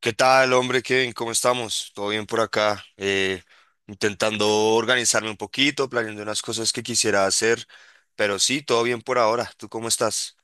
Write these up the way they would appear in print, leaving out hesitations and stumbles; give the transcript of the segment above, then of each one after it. ¿Qué tal, hombre Kevin? ¿Cómo estamos? ¿Todo bien por acá? Intentando organizarme un poquito, planeando unas cosas que quisiera hacer, pero sí, todo bien por ahora. ¿Tú cómo estás?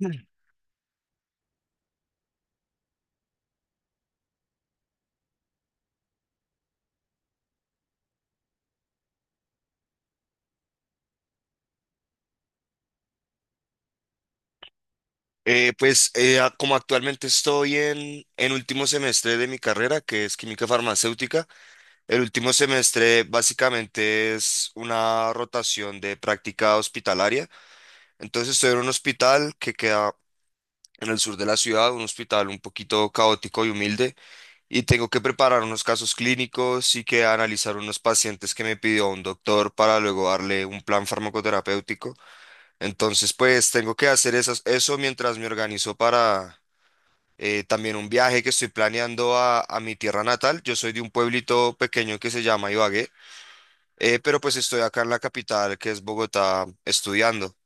Mm. Pues como actualmente estoy en último semestre de mi carrera, que es química farmacéutica, el último semestre básicamente es una rotación de práctica hospitalaria. Entonces estoy en un hospital que queda en el sur de la ciudad, un hospital un poquito caótico y humilde, y tengo que preparar unos casos clínicos y que analizar unos pacientes que me pidió un doctor para luego darle un plan farmacoterapéutico. Entonces, pues tengo que hacer esas, eso mientras me organizo para también un viaje que estoy planeando a mi tierra natal. Yo soy de un pueblito pequeño que se llama Ibagué, pero pues estoy acá en la capital, que es Bogotá, estudiando.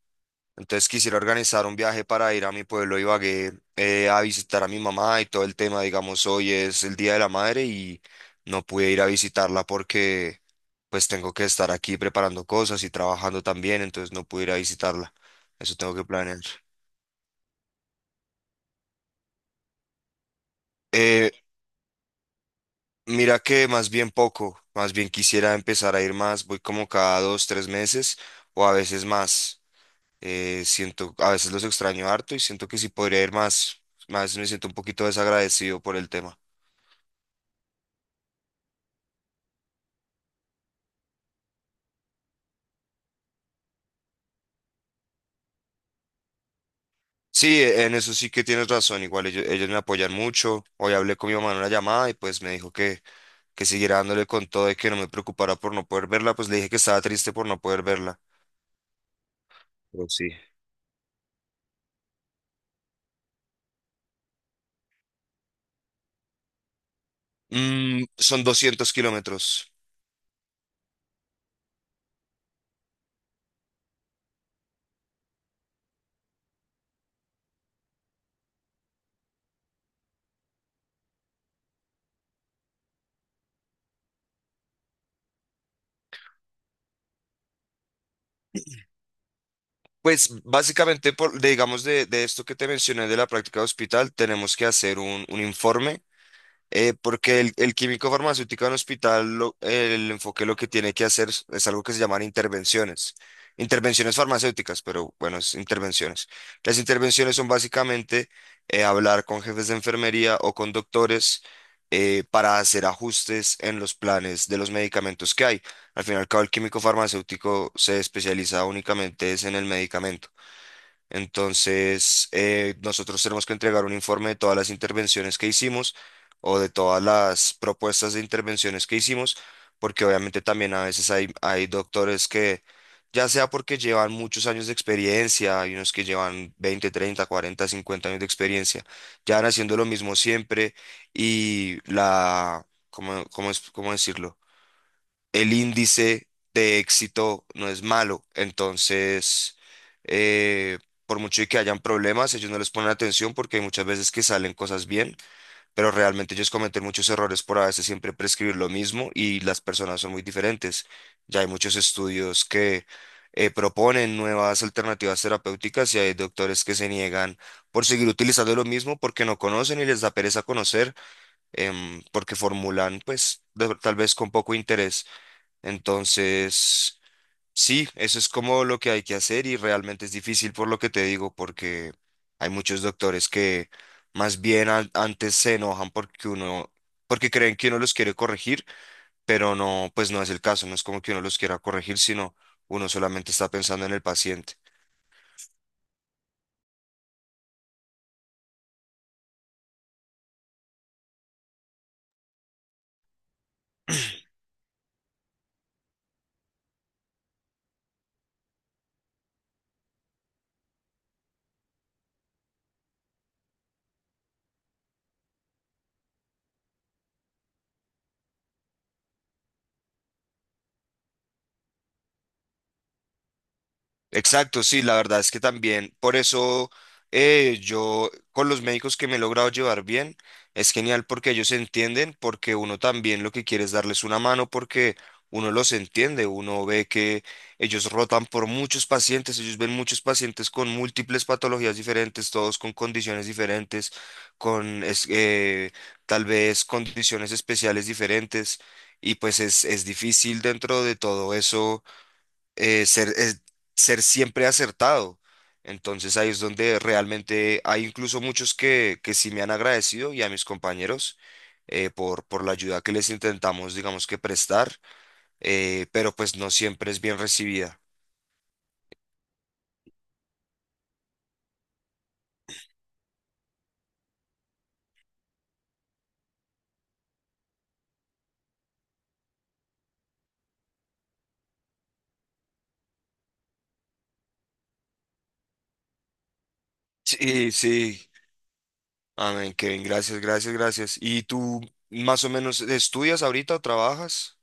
Entonces quisiera organizar un viaje para ir a mi pueblo Ibagué a visitar a mi mamá y todo el tema. Digamos, hoy es el Día de la Madre y no pude ir a visitarla porque pues tengo que estar aquí preparando cosas y trabajando también, entonces no pude ir a visitarla. Eso tengo que planear. Eh, mira que más bien poco, más bien quisiera empezar a ir más, voy como cada dos, tres meses o a veces más. Siento, a veces los extraño harto y siento que si podría ir más, a veces me siento un poquito desagradecido por el tema. Sí, en eso sí que tienes razón. Igual ellos me apoyan mucho. Hoy hablé con mi mamá en una llamada y pues me dijo que siguiera dándole con todo y que no me preocupara por no poder verla. Pues le dije que estaba triste por no poder verla. Pero sí. Son 200 kilómetros. Pues básicamente, digamos, de esto que te mencioné de la práctica de hospital, tenemos que hacer un informe porque el químico farmacéutico en hospital, lo- el enfoque lo que tiene que hacer es algo que se llaman intervenciones. Intervenciones farmacéuticas, pero bueno, es intervenciones. Las intervenciones son básicamente hablar con jefes de enfermería o con doctores para hacer ajustes en los planes de los medicamentos que hay. Al final, el químico farmacéutico se especializa únicamente es en el medicamento. Entonces, nosotros tenemos que entregar un informe de todas las intervenciones que hicimos o de todas las propuestas de intervenciones que hicimos, porque obviamente también a veces hay doctores que, ya sea porque llevan muchos años de experiencia, hay unos que llevan 20, 30, 40, 50 años de experiencia, ya van haciendo lo mismo siempre y la, ¿cómo, cómo es, cómo decirlo? El índice de éxito no es malo. Entonces, eh, por mucho y que hayan problemas, ellos no les ponen atención porque hay muchas veces que salen cosas bien, pero realmente ellos cometen muchos errores por a veces siempre prescribir lo mismo y las personas son muy diferentes. Ya hay muchos estudios que proponen nuevas alternativas terapéuticas y hay doctores que se niegan por seguir utilizando lo mismo porque no conocen y les da pereza conocer, porque formulan pues tal vez con poco interés. Entonces, sí, eso es como lo que hay que hacer y realmente es difícil por lo que te digo, porque hay muchos doctores que más bien antes se enojan porque uno, porque creen que uno los quiere corregir, pero no, pues no es el caso, no es como que uno los quiera corregir, sino uno solamente está pensando en el paciente. Exacto, sí, la verdad es que también, por eso yo con los médicos que me he logrado llevar bien, es genial porque ellos se entienden, porque uno también lo que quiere es darles una mano, porque uno los entiende, uno ve que ellos rotan por muchos pacientes, ellos ven muchos pacientes con múltiples patologías diferentes, todos con condiciones diferentes, con tal vez condiciones especiales diferentes, y pues es difícil dentro de todo eso eh, ser, es- ser siempre acertado. Entonces ahí es donde realmente hay incluso muchos que sí me han agradecido y a mis compañeros por la ayuda que les intentamos, digamos, que prestar, pero pues no siempre es bien recibida. Sí, sí. Amén, Kevin, gracias, gracias, gracias. ¿Y tú más o menos estudias ahorita o trabajas?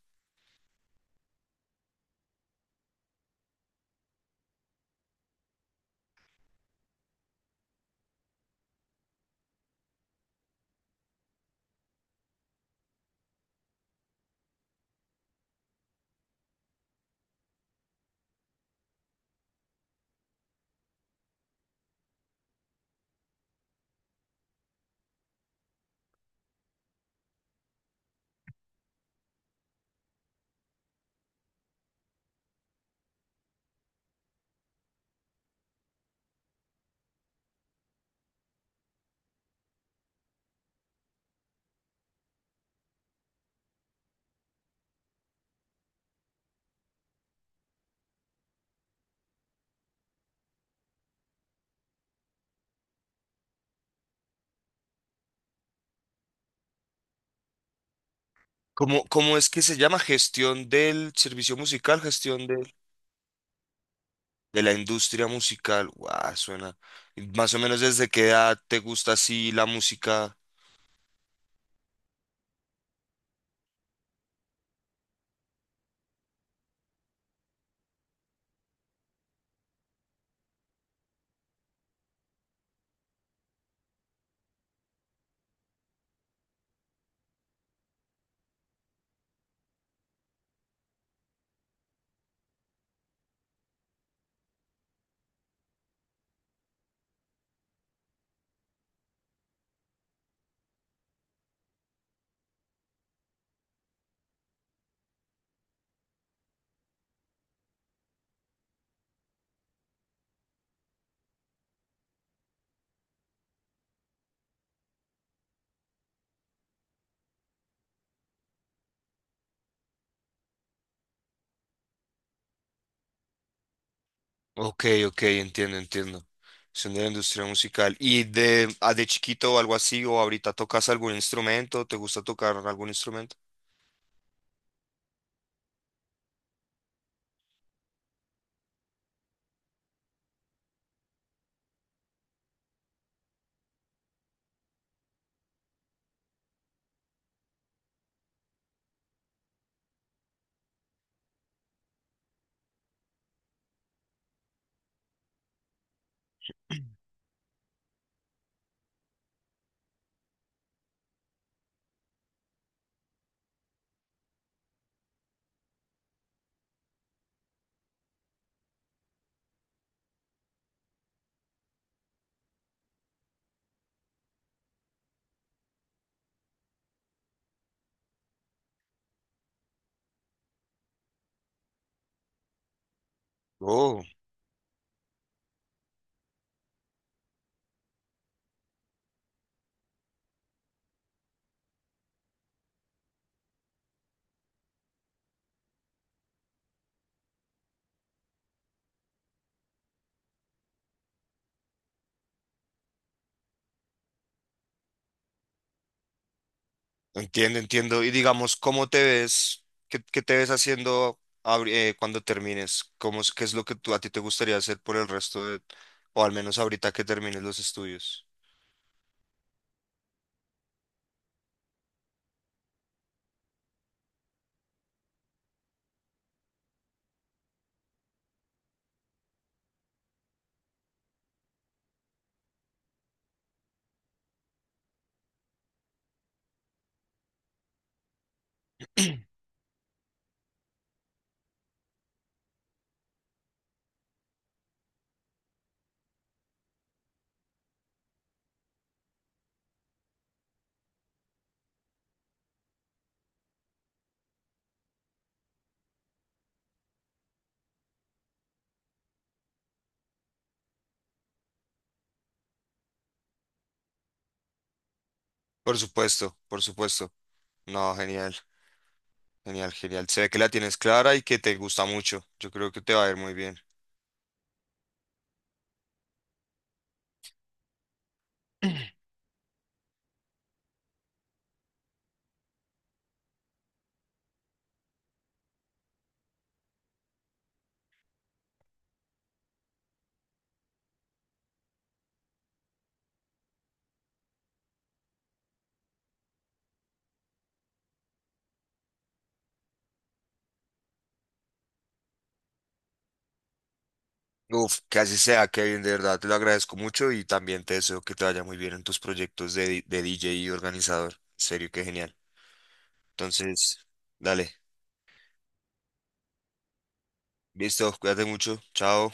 ¿Cómo, cómo es que se llama? ¿Gestión del servicio musical, gestión de...? De la industria musical, guau, suena. Y más o menos, ¿desde qué edad te gusta así la música? Ok, ok, entiendo, entiendo. Son de la industria musical. ¿Y de, ah, de chiquito o algo así? ¿O ahorita tocas algún instrumento? ¿Te gusta tocar algún instrumento? Oh, entiendo, entiendo. Y digamos, ¿cómo te ves? ¿Qué, qué te ves haciendo cuando termines? ¿Cómo, qué es lo que tú, a ti te gustaría hacer por el resto de, o al menos ahorita que termines los estudios? Por supuesto, por supuesto. No, genial. Genial, genial. Se ve que la tienes clara y que te gusta mucho. Yo creo que te va a ir muy bien. Uf, que así sea, Kevin, de verdad, te lo agradezco mucho y también te deseo que te vaya muy bien en tus proyectos de DJ y organizador. En serio, qué genial. Entonces, dale. Listo, cuídate mucho. Chao.